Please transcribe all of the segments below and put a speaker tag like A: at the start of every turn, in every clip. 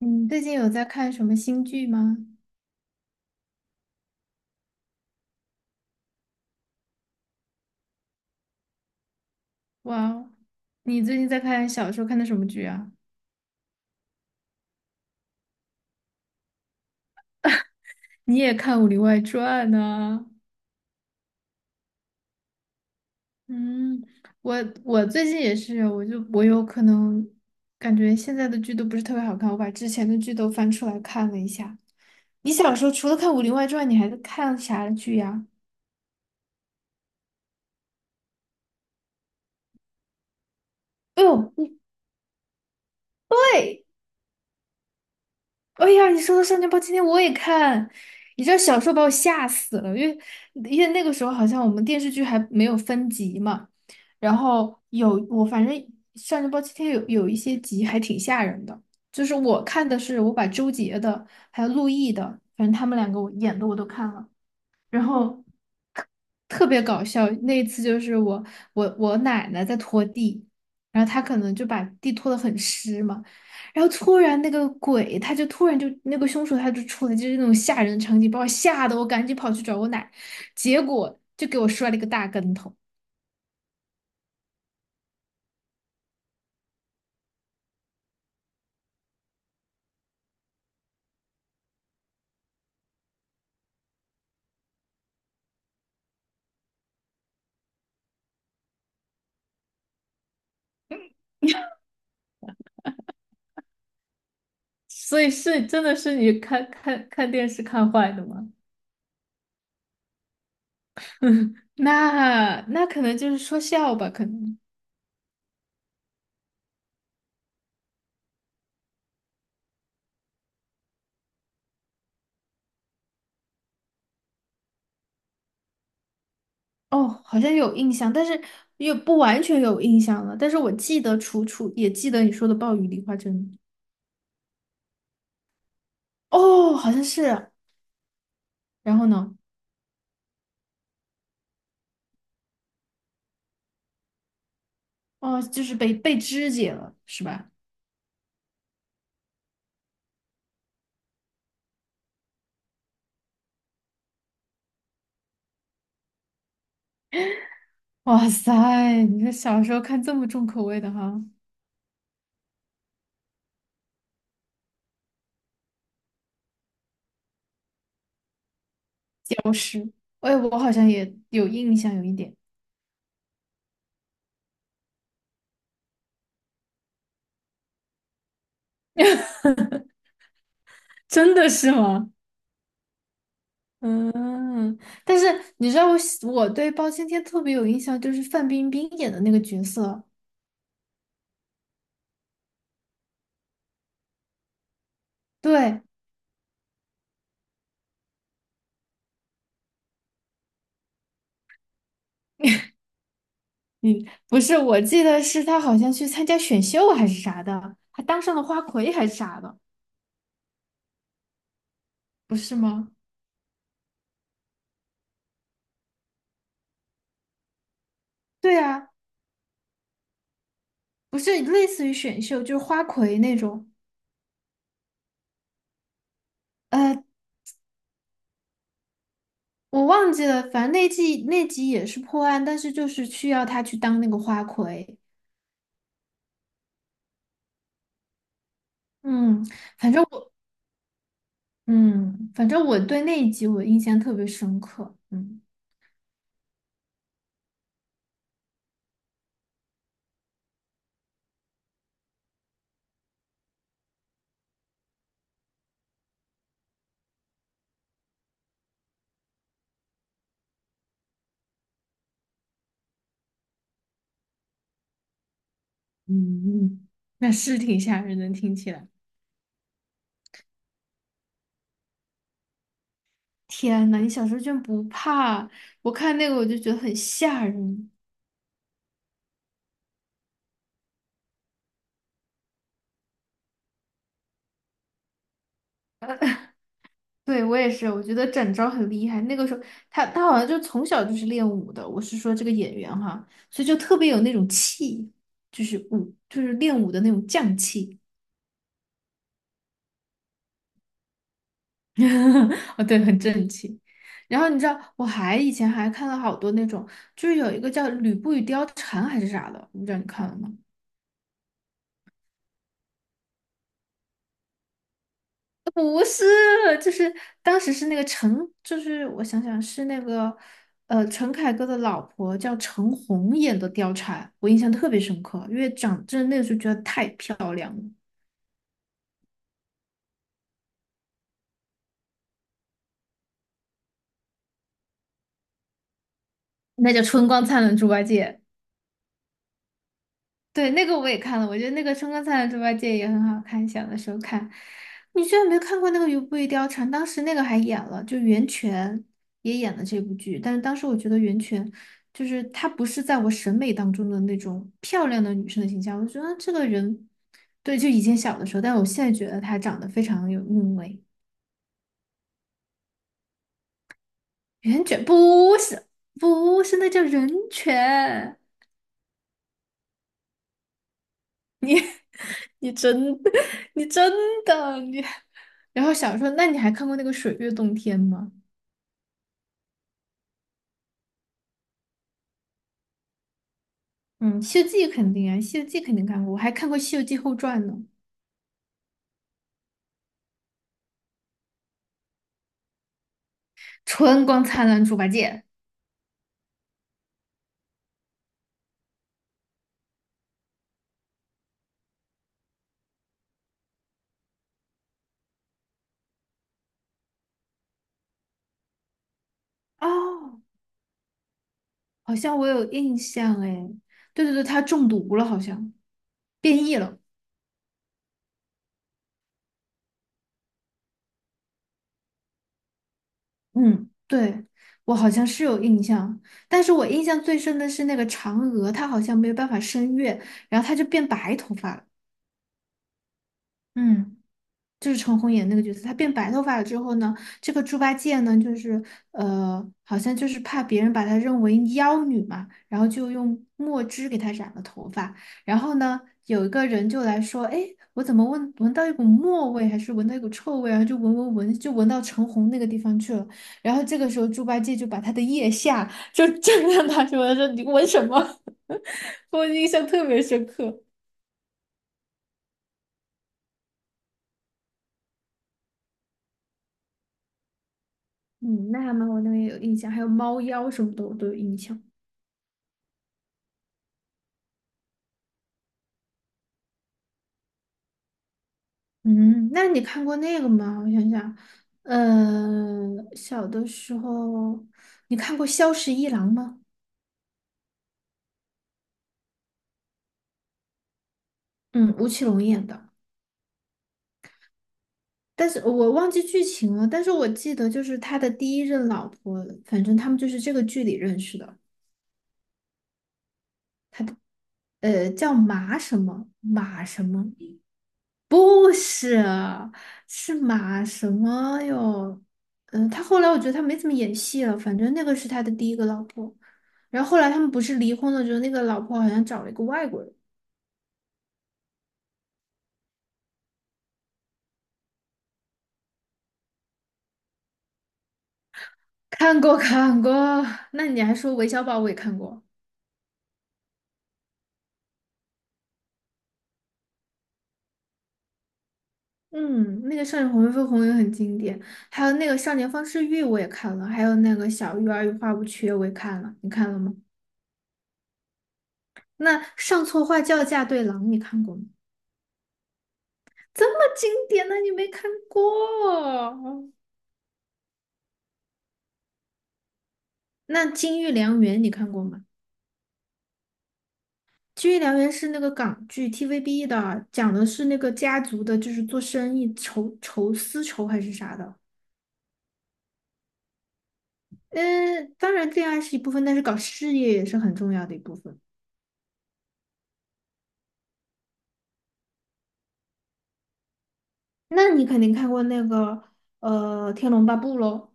A: 你最近有在看什么新剧吗？哇哦，你最近在看小说，看的什么剧啊？你也看《武林外传》呢？嗯，我我最近也是，我就我有可能感觉现在的剧都不是特别好看，我把之前的剧都翻出来看了一下。你小时候除了看《武林外传》，你还看啥剧呀？哎呦，哎呀，你说的《少年包青天》我也看，你知道小时候把我吓死了，因为那个时候好像我们电视剧还没有分级嘛，然后有我反正《少年包青天》有一些集还挺吓人的，就是我看的是我把周杰的还有陆毅的，反正他们两个我演的我都看了。然后特别搞笑。那一次就是我奶奶在拖地，然后她可能就把地拖得很湿嘛，然后突然那个鬼他就突然就那个凶手他就出来，就是那种吓人的场景，把我吓得我赶紧跑去找我奶，结果就给我摔了一个大跟头。所以是真的是你看电视看坏的吗？那可能就是说笑吧，可能。哦，好像有印象，但是也不完全有印象了。但是我记得楚楚，也记得你说的暴雨梨花针。哦，好像是。然后呢？哦，就是被肢解了，是吧？哇塞，你说小时候看这么重口味的哈，僵尸。哎，我好像也有印象，有一点。真的是吗？嗯，但是你知道我对包青天特别有印象，就是范冰冰演的那个角色。对，嗯，不是，我记得是他好像去参加选秀还是啥的，还当上了花魁还是啥的，不是吗？对啊，不是类似于选秀，就是花魁那种。呃，我忘记了，反正那季那集也是破案，但是就是需要他去当那个花魁。嗯我嗯，反正我对那一集我印象特别深刻。嗯嗯，那是挺吓人的，听起来。天呐，你小时候居然不怕？我看那个我就觉得很吓人。对，我也是，我觉得展昭很厉害。那个时候，他好像就从小就是练武的。我是说这个演员哈，所以就特别有那种气，就是武，就是练武的那种将气。哦，对，很正气。然后你知道，我以前还看了好多那种，就是有一个叫《吕布与貂蝉》还是啥的，我不知道你看了吗？不是，就是当时是那个陈，就是我想想是那个，呃，陈凯歌的老婆叫陈红演的貂蝉，我印象特别深刻，因为长真的那个时候觉得太漂亮了，那叫春光灿烂猪八戒。对，那个我也看了，我觉得那个《春光灿烂猪八戒》也很好看，小的时候看。你居然没看过那个《吕不韦貂蝉》？当时那个还演了，就袁泉也演了这部剧。但是当时我觉得袁泉就是她不是在我审美当中的那种漂亮的女生的形象，我觉得这个人，对，就以前小的时候，但我现在觉得她长得非常有韵味。袁泉不是，那叫人权。你真 你真的，你然后小说，那你还看过那个《水月洞天》吗？嗯，《西游记》肯定啊，《西游记》肯定看过，我还看过《西游记后传》呢，《春光灿烂猪八戒》哦，好像我有印象哎，对对对，他中毒了，好像变异了，嗯，对，我好像是有印象，但是我印象最深的是那个嫦娥，她好像没有办法升月，然后她就变白头发了，嗯。就是陈红演那个角色，她变白头发了之后呢，这个猪八戒呢，就是呃，好像就是怕别人把她认为妖女嘛，然后就用墨汁给她染了头发。然后呢，有一个人就来说，哎，我怎么闻到一股墨味，还是闻到一股臭味啊然后就闻，就闻到陈红那个地方去了。然后这个时候，猪八戒就把他的腋下就正让他说，说你闻什么？我印象特别深刻。嗯，那还蛮我那个有印象，还有猫妖什么的我都有印象。嗯，那你看过那个吗？我想想，呃，小的时候你看过《萧十一郎》吗？嗯，吴奇隆演的，但是我忘记剧情了，但是我记得就是他的第一任老婆，反正他们就是这个剧里认识的，呃，叫马什么，不是，是马什么哟？嗯，他后来我觉得他没怎么演戏了，反正那个是他的第一个老婆。然后后来他们不是离婚了之后，那个老婆好像找了一个外国人。看过看过，那你还说韦小宝我也看过，嗯，那个《少年红飞红》也很经典，还有那个《少年方世玉》我也看了，还有那个《小鱼儿与花无缺》我也看了，你看了吗？那《上错花轿嫁对郎》你看过吗？这么经典的你没看过？那《金玉良缘》你看过吗？《金玉良缘》是那个港剧 TVB 的，讲的是那个家族的，就是做生意丝绸还是啥的。嗯，当然恋爱是一部分，但是搞事业也是很重要的一部分。那你肯定看过那个呃《天龙八部》喽？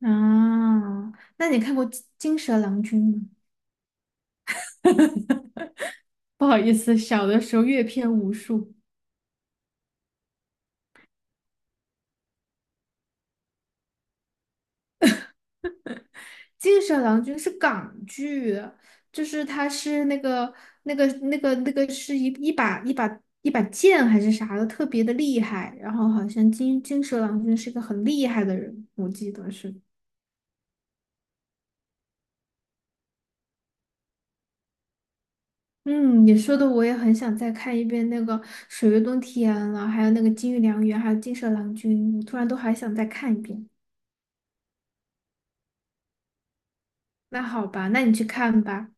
A: 啊，那你看过金《金蛇郎君》吗？不好意思，小的时候阅片无数。《金蛇郎君》是港剧，就是他是那个那个是一把剑还是啥的，特别的厉害。然后好像金蛇郎君是一个很厉害的人，我记得是。嗯，你说的我也很想再看一遍那个《水月洞天》了，还有那个《金玉良缘》，还有《金蛇郎君》，我突然都还想再看一遍。那好吧，那你去看吧。